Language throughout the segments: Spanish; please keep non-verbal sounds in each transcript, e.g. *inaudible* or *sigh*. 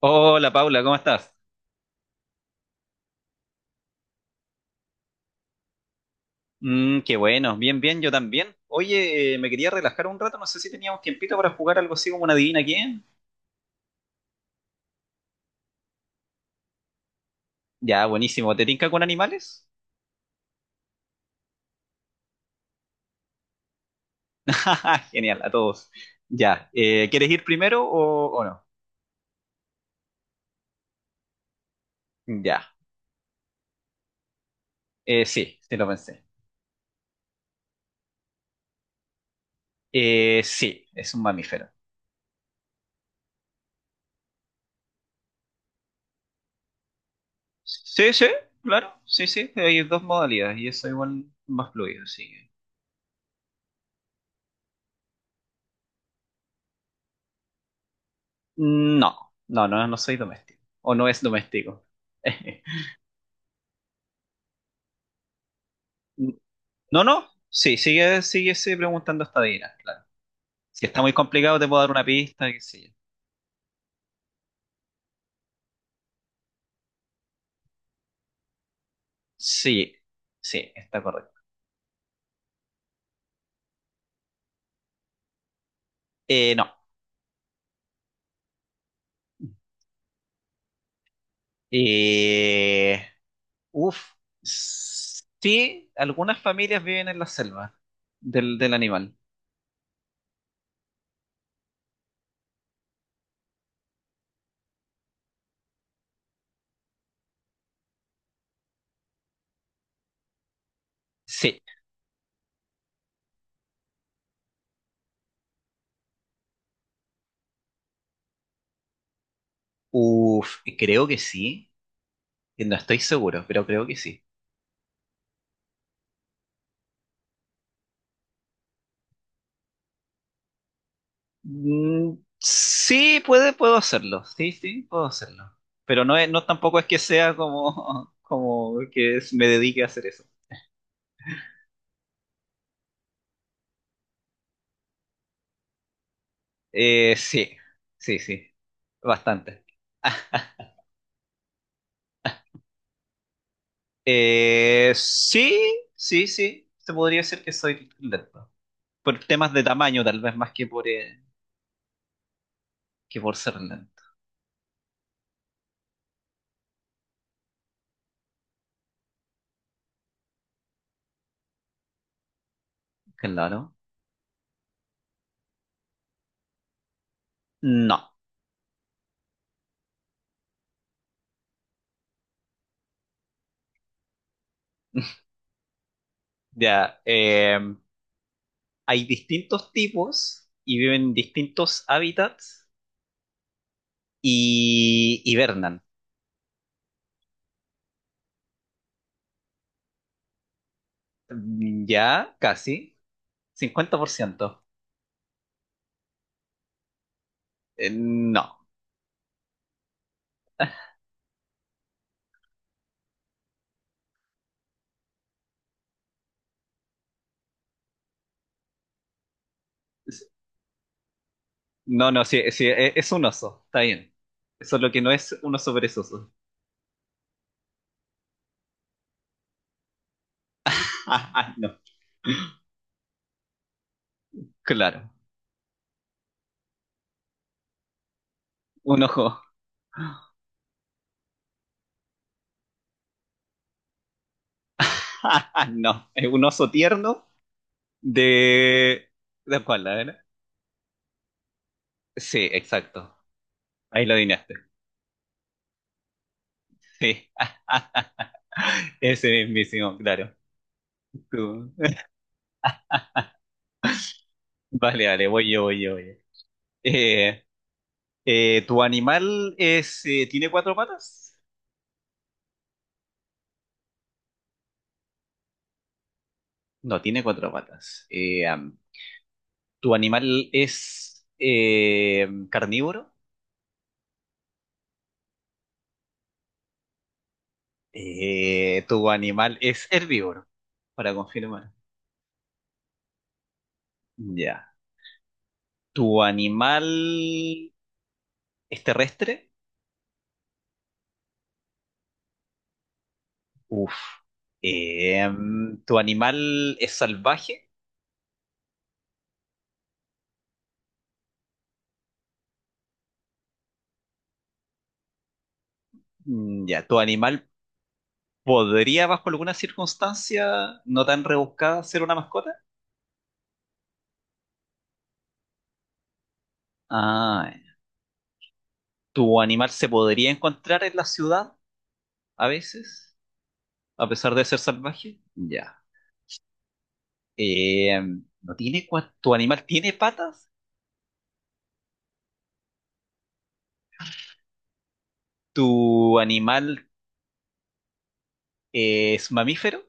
Hola Paula, ¿cómo estás? Qué bueno, bien, bien, yo también. Oye, me quería relajar un rato, no sé si teníamos tiempito para jugar algo así como una adivina quién. Ya, buenísimo. ¿Te tinca con animales? *laughs* Jaja, genial, a todos. Ya, ¿quieres ir primero o no? Ya, sí, sí lo pensé. Sí, es un mamífero. Sí, sí, claro, sí, sí, hay dos modalidades y eso igual más fluido, así que... No, no, no, no soy doméstico. O no es doméstico. *laughs* No, no, sí, sigue, sigue, sigue preguntando hasta adivinar, claro. Si está muy complicado, te puedo dar una pista, qué sé yo. Sí, sí, está correcto. No. Eh, uf. Sí, algunas familias viven en la selva del animal. Sí. Uf, creo que sí. No estoy seguro, pero creo que sí. Mm, sí, puedo hacerlo. Sí, sí, puedo hacerlo. Pero no tampoco es que sea como, *laughs* como que me dedique a hacer eso. Sí, sí, sí, bastante. *laughs* Sí, sí, sí, se podría decir que soy lento. Por temas de tamaño, tal vez más que por ser lento. Claro. No. *laughs* Ya, hay distintos tipos y viven en distintos hábitats y hibernan. Ya, casi. 50%. No. No, no, sí, sí, es un oso, está bien. Solo que no es un oso perezoso. *laughs* Ah, ah, no, claro. Un ojo. *laughs* Ah, ah, no, es un oso tierno de... ¿De espalda, ¿verdad? Sí, exacto. Ahí lo adivinaste. Sí, *laughs* ese mismísimo, claro. Tú- Vale, vale, voy yo, voy yo, voy yo. Eh, ¿Tu animal es, tiene cuatro patas? No, tiene cuatro patas. Am, ¿tu animal es carnívoro? ¿Tu animal es herbívoro? Para confirmar. Ya. ¿Tu animal es terrestre? Uf. ¿Tu animal es salvaje? Ya. ¿Tu animal podría, bajo alguna circunstancia no tan rebuscada, ser una mascota? Ah, ya. ¿Tu animal se podría encontrar en la ciudad a veces, a pesar de ser salvaje? Ya. Em, ¿no tiene cua- ¿Tu animal tiene patas? ¿Tu animal ¿es mamífero?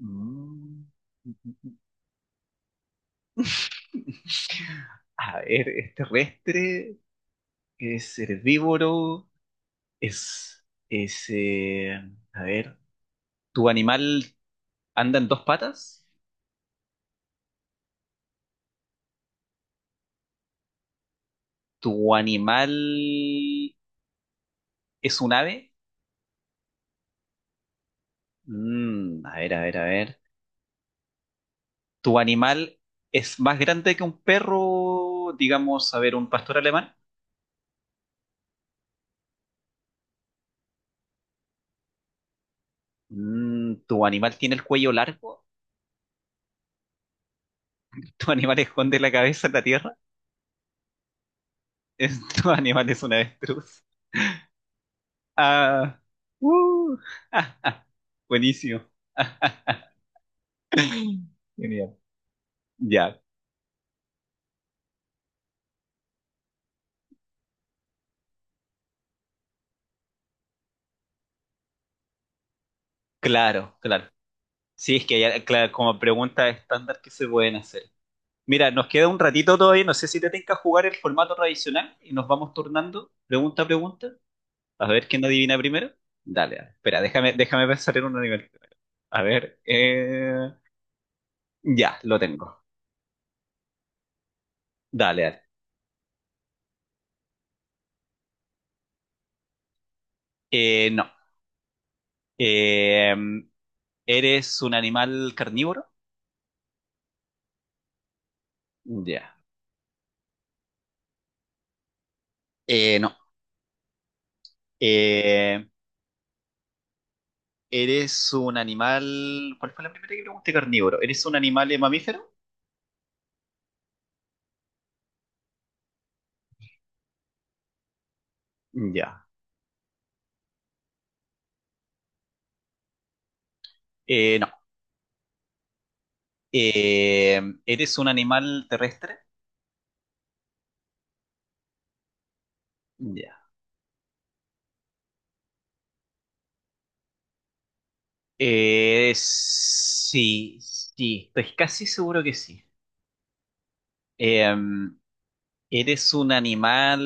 Mm, a ver, ¿es terrestre? ¿Es herbívoro? ¿Es, es, eh, a ver, ¿tu animal anda en dos patas? ¿Tu animal es un ave? Mm, a ver, a ver, a ver. ¿Tu animal es más grande que un perro, digamos, a ver, un pastor alemán? Mm, ¿tu animal tiene el cuello largo? *laughs* ¿Tu animal esconde la cabeza en la tierra? *laughs* ¿Tu animal es un avestruz? Ah, uh, *laughs* buenísimo. *laughs* Genial. Ya, claro, claro. Sí, es que ya, claro, como pregunta estándar que se pueden hacer. Mira, nos queda un ratito todavía, no sé si te tenga jugar el formato tradicional y nos vamos turnando pregunta a pregunta, a ver quién adivina primero. Dale, dale. Espera, déjame pensar en un nivel primero. A ver, ya, lo tengo. Dale, dale. No. Eh, ¿Eres un animal carnívoro? Ya. No. Eh, ¿Eres un animal? ¿Cuál fue la primera que pregunté? Carnívoro. ¿Eres un animal mamífero? Ya. No. ¿Eres un animal terrestre? Ya. Sí, sí. Estoy casi seguro que sí. Eh, ¿Eres un animal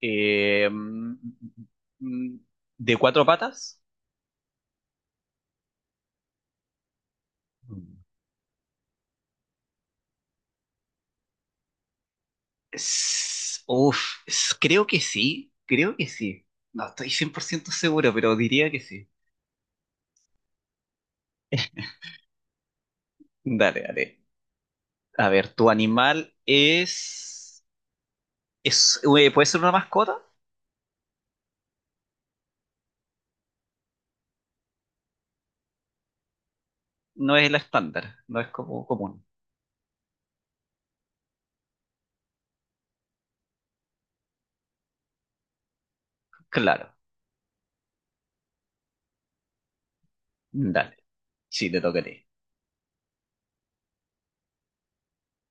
eh, mm, mm, mm, de cuatro patas? Uf, creo que sí, creo que sí. No estoy 100% seguro, pero diría que sí. *laughs* Dale, dale. A ver, es ¿puede ser una mascota? No es la estándar, no es como común. Claro, dale. Sí, te tocaré.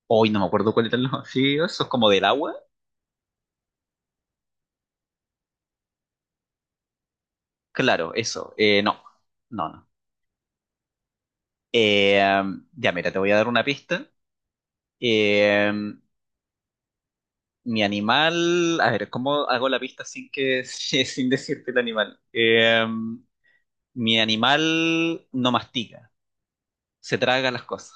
Hoy no me acuerdo cuál era el nombre. Sí, eso es como del agua. Claro, eso. No, no, no. Eh, ya, mira, te voy a dar una pista. Eh, Mi animal, a ver, ¿cómo hago la pista sin que, *laughs* sin decirte el animal? Mi animal no mastica, se traga las cosas.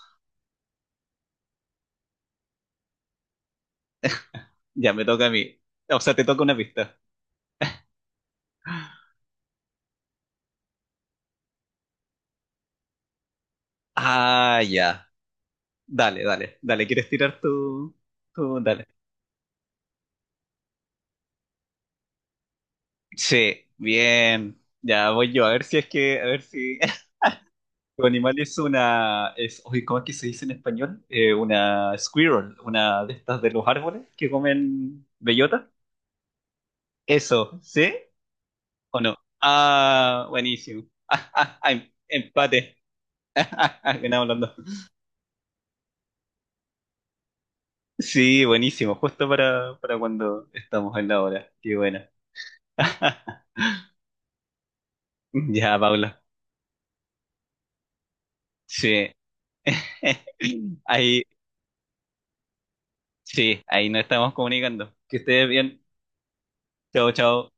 Ya me toca a mí. O sea, te toca una pista. Ah, ya. Dale, dale, dale. ¿Quieres tirar tú tú dale. Sí, bien. Ya voy yo. A ver si es que, a ver si *laughs* tu animal es es, oye, ¿cómo es que se dice en español? Una squirrel, una de estas de los árboles que comen bellota. Eso, ¿sí? ¿O no? Ah, buenísimo. *laughs* Ah, ah, ah, empate. *laughs* Ganamos los dos. Sí, buenísimo. Justo para cuando estamos en la hora. Qué bueno. *laughs* Ya, Paula. Sí. *laughs* Ahí, sí, ahí nos estamos comunicando. Que estés bien. Chao, chao.